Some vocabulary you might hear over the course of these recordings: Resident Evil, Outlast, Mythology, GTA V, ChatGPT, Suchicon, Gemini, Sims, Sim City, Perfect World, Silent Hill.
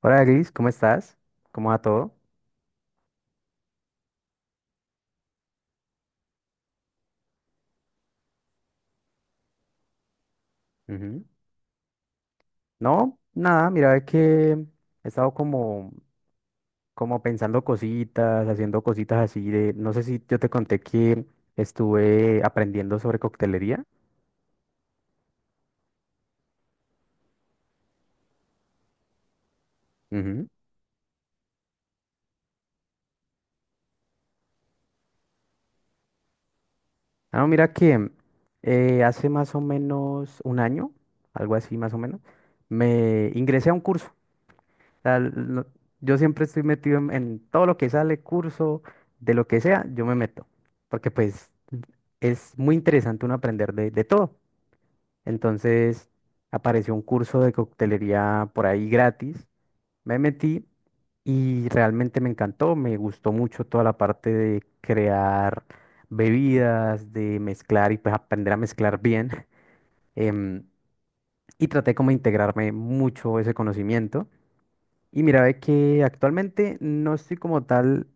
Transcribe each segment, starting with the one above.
Hola Gris, ¿cómo estás? ¿Cómo va todo? Ujú. No, nada, mira que he estado como, como pensando cositas, haciendo cositas así de, no sé si yo te conté que estuve aprendiendo sobre coctelería. Ujú. Ah, no, mira que hace más o menos un año, algo así más o menos, me ingresé a un curso sea, lo- yo siempre estoy metido en todo lo que sale, curso, de lo que sea, yo me meto. Porque pues es muy interesante uno aprender de todo. Entonces apareció un curso de coctelería por ahí gratis. Me metí y realmente me encantó. Me gustó mucho toda la parte de crear bebidas, de mezclar y pues aprender a mezclar bien. em, y traté como de integrarme mucho ese conocimiento. Y mira, es que actualmente no estoy como tal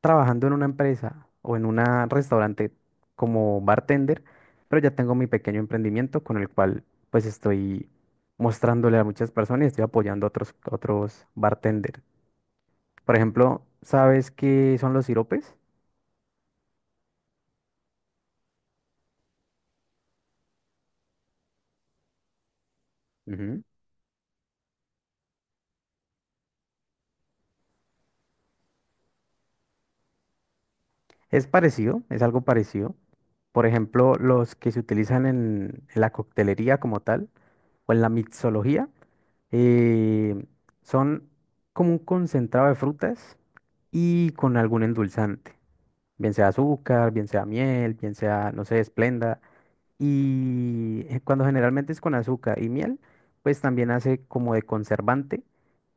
trabajando en una empresa o en un restaurante como bartender, pero ya tengo mi pequeño emprendimiento con el cual pues estoy mostrándole a muchas personas y estoy apoyando a otros bartenders. Por ejemplo, ¿sabes qué son los siropes? Ujú. Es parecido, es algo parecido. Por ejemplo, los que se utilizan en la coctelería como tal o en la mixología. Eh, son como un concentrado de frutas y con algún endulzante, bien sea azúcar, bien sea miel, bien sea, no sé, esplenda. Y cuando generalmente es con azúcar y miel, pues también hace como de conservante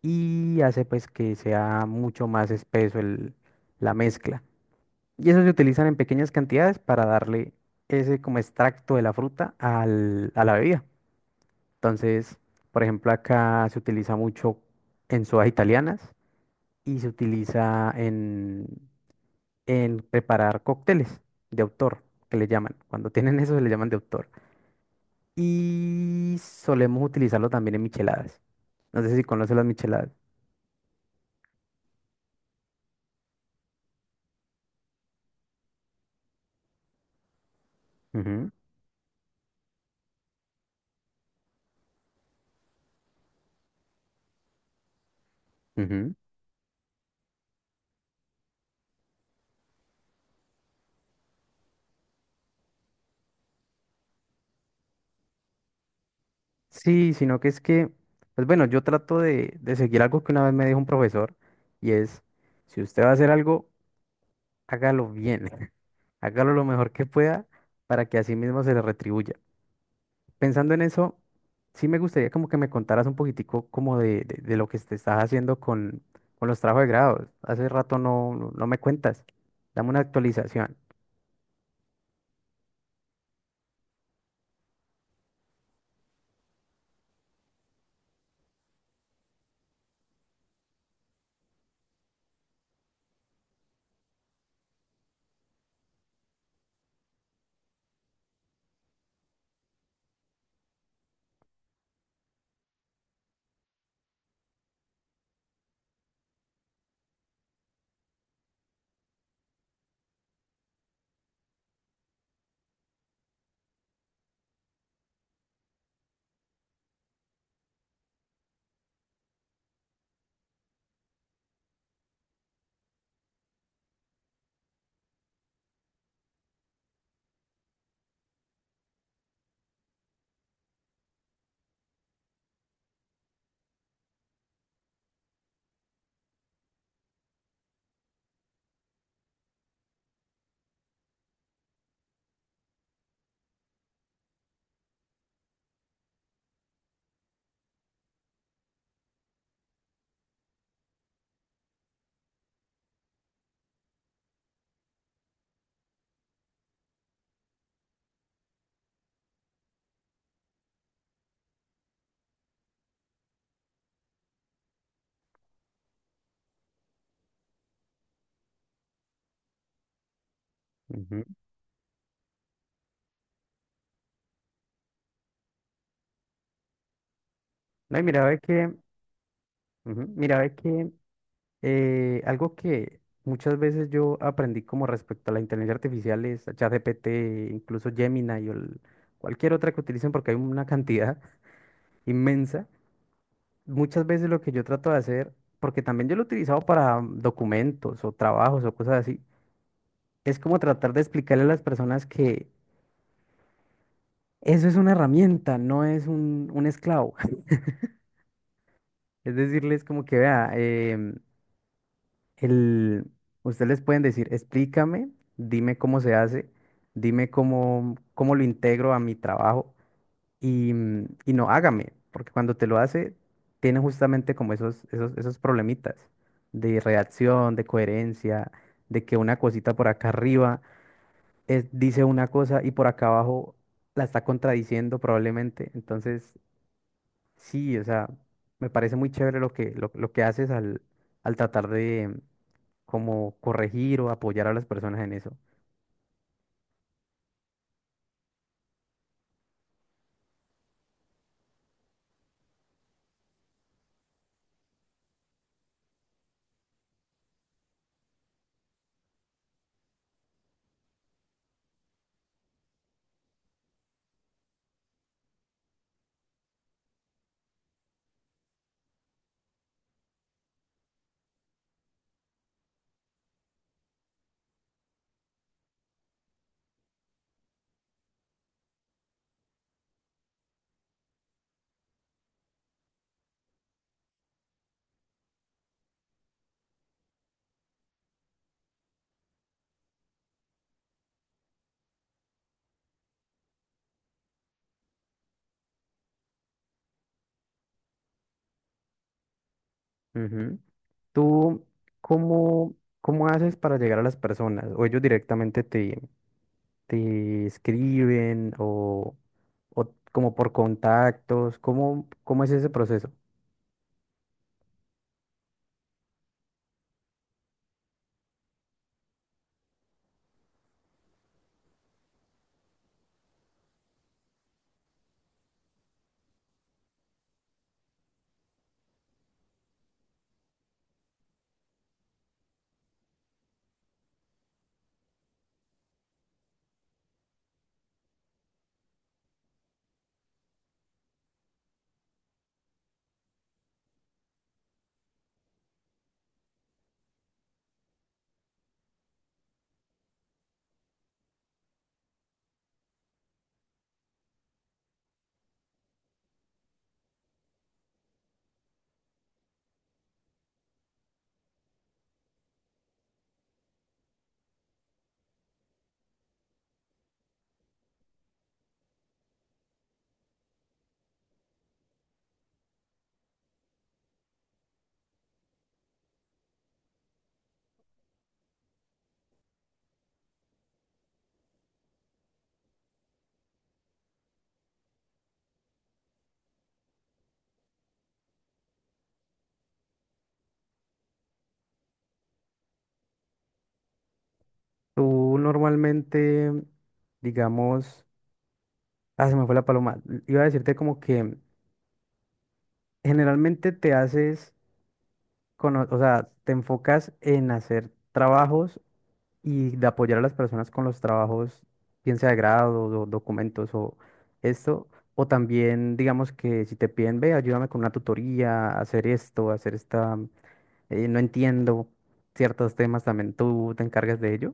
y hace pues que sea mucho más espeso la mezcla. Y eso se utilizan en pequeñas cantidades para darle ese como extracto de la fruta a la bebida. Entonces, por ejemplo, acá se utiliza mucho en sodas italianas y se utiliza en preparar cócteles de autor, que le llaman. Cuando tienen eso, se le llaman de autor. Y solemos utilizarlo también en micheladas. No sé si conoces las micheladas. Ujú, ujú. Sí, sino que es que, pues bueno, yo trato de seguir algo que una vez me dijo un profesor y es, si usted va a hacer algo, hágalo bien, hágalo lo mejor que pueda para que así mismo se le retribuya. Pensando en eso, sí me gustaría como que me contaras un poquitico como de, de lo que te estás haciendo con los trabajos de grado. Hace rato no me cuentas. Dame una actualización. Ujú. No, y mira, ve que, ujú, mira, ve que algo que muchas veces yo aprendí como respecto a la inteligencia artificial es a ChatGPT, incluso Gemini y cualquier otra que utilicen porque hay una cantidad inmensa. Muchas veces lo que yo trato de hacer, porque también yo lo he utilizado para documentos o trabajos o cosas así, es como tratar de explicarle a las personas que eso es una herramienta, no es un esclavo. Es decirles como que, vea, el, ustedes les pueden decir, explícame, dime cómo se hace, dime cómo, cómo lo integro a mi trabajo. Y, y no hágame, porque cuando te lo hace, tiene justamente como esos problemitas de reacción, de coherencia, de que una cosita por acá arriba dice una cosa y por acá abajo la está contradiciendo probablemente. Entonces, sí, o sea, me parece muy chévere lo que, lo que haces al, al tratar de como corregir o apoyar a las personas en eso. Ujú. ¿Tú cómo, cómo haces para llegar a las personas? ¿O ellos directamente te, te escriben o como por contactos? ¿Cómo, cómo es ese proceso? Tú normalmente, digamos, ah, se me fue la paloma. Iba a decirte como que generalmente te haces, o sea, te enfocas en hacer trabajos y de apoyar a las personas con los trabajos, bien sea de grado, documentos o esto. O también, digamos que si te piden, ve, ayúdame con una tutoría, hacer esto, hacer esta. No entiendo ciertos temas también. ¿Tú te encargas de ello?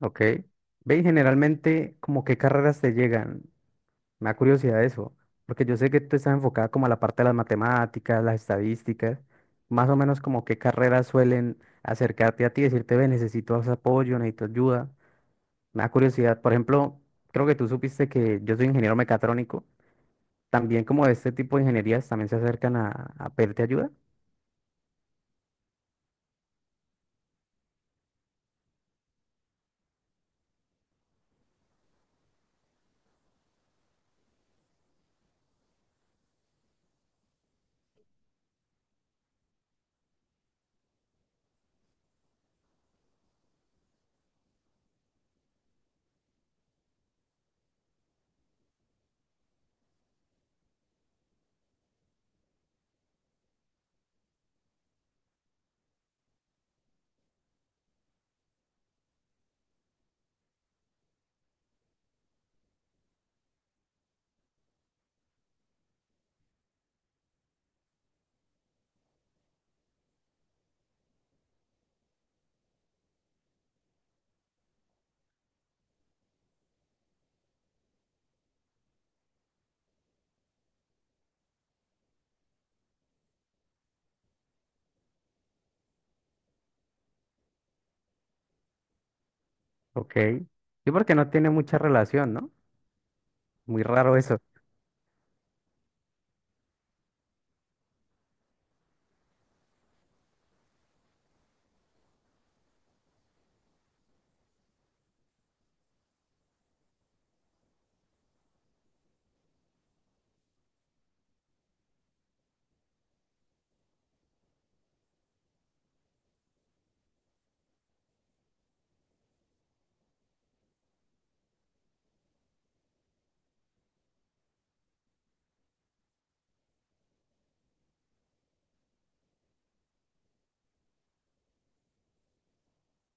Ok. Ve, y generalmente, ¿como qué carreras te llegan? Me da curiosidad eso, porque yo sé que tú estás enfocada como a la parte de las matemáticas, las estadísticas, más o menos como qué carreras suelen acercarte a ti, decirte, ve, necesito apoyo, necesito ayuda. Me da curiosidad, por ejemplo, creo que tú supiste que yo soy ingeniero mecatrónico, también como este tipo de ingenierías también se acercan a pedirte ayuda. Ok. Sí, porque no tiene mucha relación, ¿no? Muy raro eso.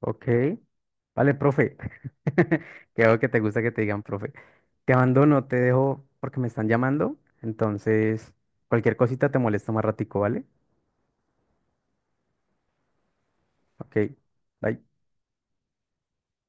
Ok. Vale, profe. Que veo que te gusta que te digan, profe. Te abandono, te dejo porque me están llamando. Entonces, cualquier cosita te molesta más ratico, ¿vale? Ok. Bye.